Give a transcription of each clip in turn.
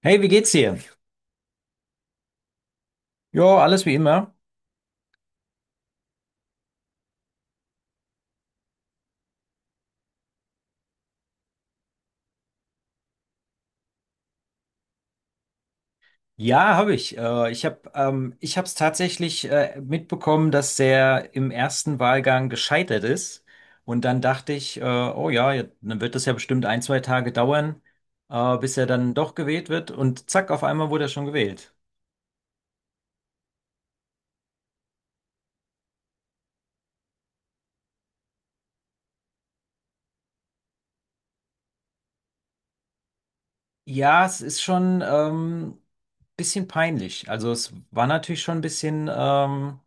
Hey, wie geht's dir? Ja, alles wie immer. Ja, habe ich. Ich habe es tatsächlich mitbekommen, dass der im ersten Wahlgang gescheitert ist. Und dann dachte ich, oh ja, ja, dann wird das ja bestimmt ein, zwei Tage dauern, bis er dann doch gewählt wird. Und zack, auf einmal wurde er schon gewählt. Ja, es ist schon bisschen peinlich. Also es war natürlich schon ein bisschen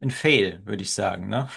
ein Fail, würde ich sagen, ne?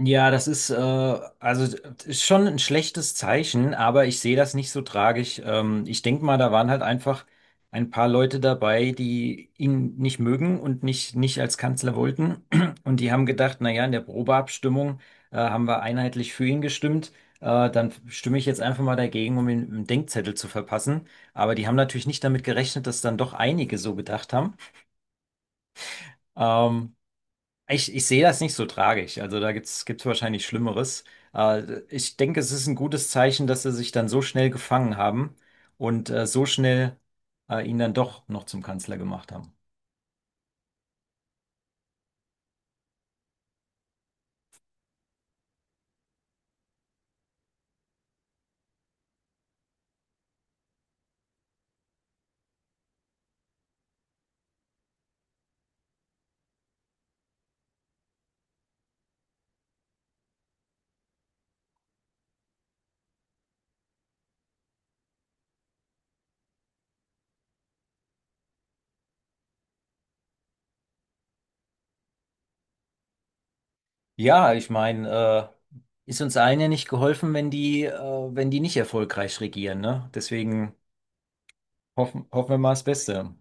Ja, das ist, äh, also ist schon ein schlechtes Zeichen, aber ich sehe das nicht so tragisch. Ich denke mal, da waren halt einfach ein paar Leute dabei, die ihn nicht mögen und nicht als Kanzler wollten. Und die haben gedacht, na ja, in der Probeabstimmung, haben wir einheitlich für ihn gestimmt. Dann stimme ich jetzt einfach mal dagegen, um ihm einen Denkzettel zu verpassen. Aber die haben natürlich nicht damit gerechnet, dass dann doch einige so gedacht haben. Ähm, ich, ich sehe das nicht so tragisch. Also da gibt's wahrscheinlich Schlimmeres. Ich denke, es ist ein gutes Zeichen, dass sie sich dann so schnell gefangen haben und so schnell ihn dann doch noch zum Kanzler gemacht haben. Ja, ich meine, äh, ist uns allen ja nicht geholfen, wenn wenn die nicht erfolgreich regieren, ne? Deswegen hoffen wir mal das Beste.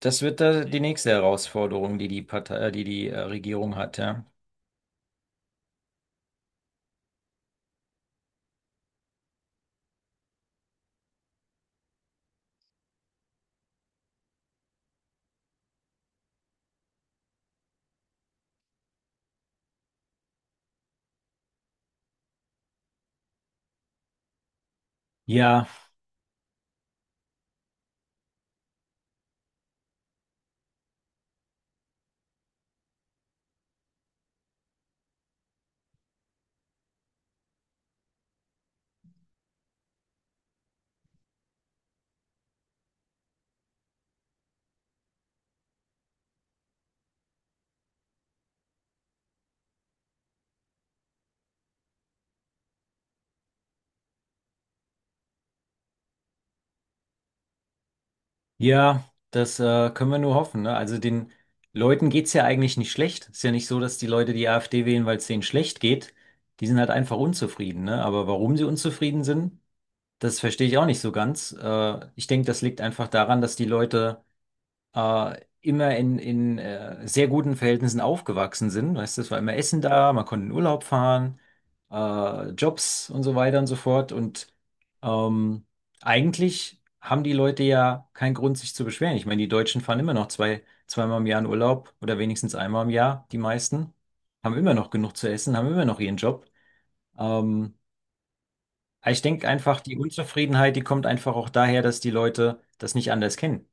Das wird da die nächste Herausforderung, die die Regierung hat, ja. Ja. Ja, das können wir nur hoffen, ne? Also den Leuten geht's ja eigentlich nicht schlecht. Ist ja nicht so, dass die Leute die AfD wählen, weil es denen schlecht geht. Die sind halt einfach unzufrieden, ne? Aber warum sie unzufrieden sind, das verstehe ich auch nicht so ganz. Ich denke, das liegt einfach daran, dass die Leute immer in sehr guten Verhältnissen aufgewachsen sind. Weißt du, es war immer Essen da, man konnte in Urlaub fahren, Jobs und so weiter und so fort. Und ähm, eigentlich haben die Leute ja keinen Grund, sich zu beschweren. Ich meine, die Deutschen fahren immer noch zwei, zweimal im Jahr in Urlaub oder wenigstens einmal im Jahr, die meisten, haben immer noch genug zu essen, haben immer noch ihren Job. Ähm, aber ich denke einfach, die Unzufriedenheit, die kommt einfach auch daher, dass die Leute das nicht anders kennen.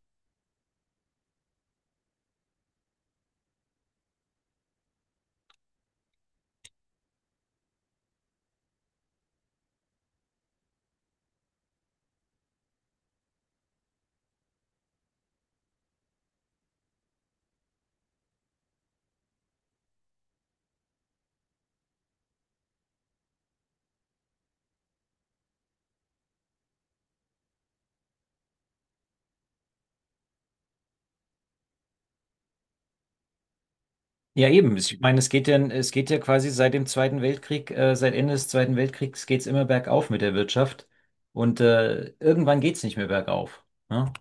Ja, eben. Ich meine, es geht ja quasi seit dem Zweiten Weltkrieg, seit Ende des Zweiten Weltkriegs geht's immer bergauf mit der Wirtschaft. Und irgendwann geht's nicht mehr bergauf. Ne?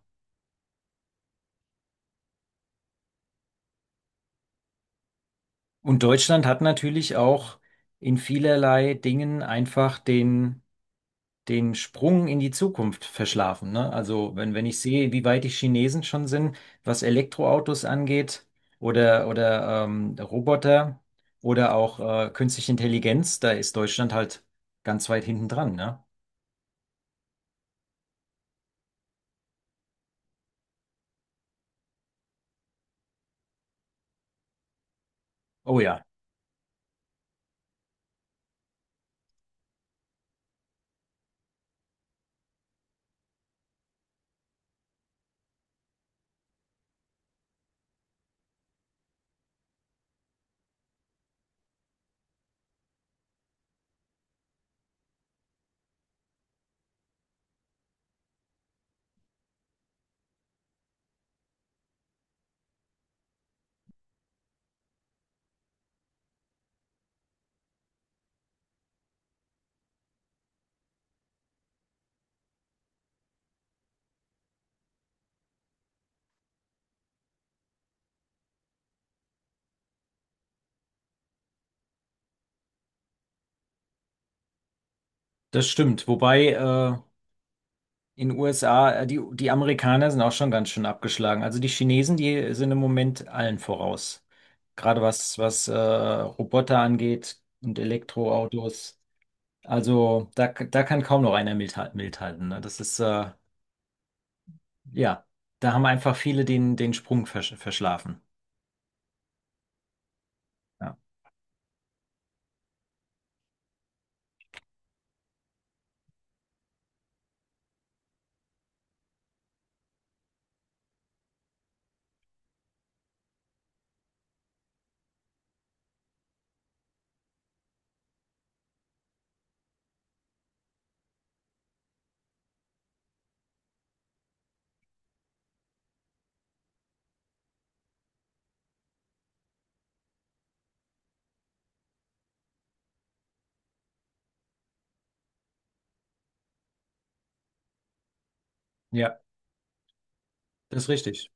Und Deutschland hat natürlich auch in vielerlei Dingen einfach den Sprung in die Zukunft verschlafen. Ne? Also wenn ich sehe, wie weit die Chinesen schon sind, was Elektroautos angeht oder Roboter oder auch künstliche Intelligenz, da ist Deutschland halt ganz weit hinten dran, ne? Oh ja, das stimmt. Wobei in den USA, die Amerikaner sind auch schon ganz schön abgeschlagen. Also die Chinesen, die sind im Moment allen voraus. Gerade was Roboter angeht und Elektroautos. Also da kann kaum noch einer mithalten. Mithalten, ne? Ja, da haben einfach viele den Sprung verschlafen. Ja. Ja, das ist richtig.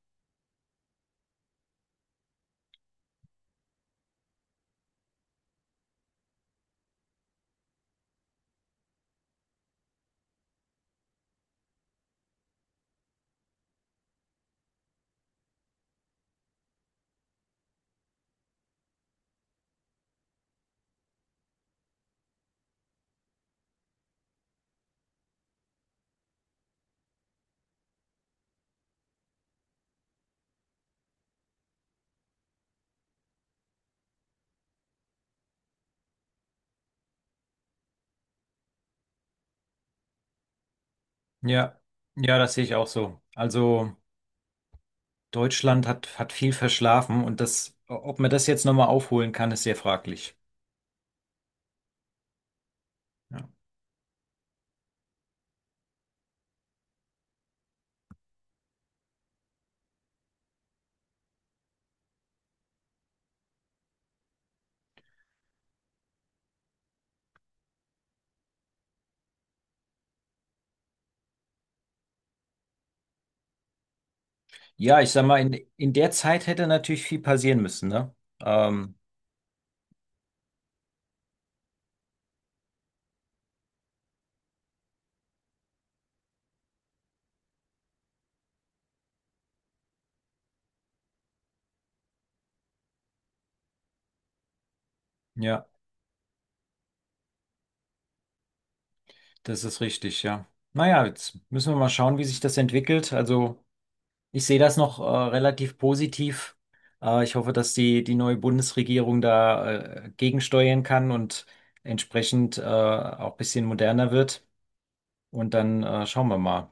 Ja, ja, das sehe ich auch so. Also. Deutschland hat, hat viel verschlafen und das, ob man das jetzt nochmal aufholen kann, ist sehr fraglich. Ja, ja ich sag mal, in der Zeit hätte natürlich viel passieren müssen, ne? Ähm, ja, das ist richtig, ja. Naja, jetzt müssen wir mal schauen, wie sich das entwickelt. Also, ich sehe das noch relativ positiv. Ich hoffe, dass die neue Bundesregierung da gegensteuern kann und entsprechend auch ein bisschen moderner wird. Und dann schauen wir mal.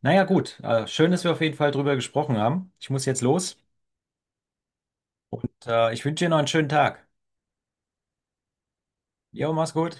Naja, gut. Schön, dass wir auf jeden Fall drüber gesprochen haben. Ich muss jetzt los und ich wünsche dir noch einen schönen Tag. Jo, mach's gut.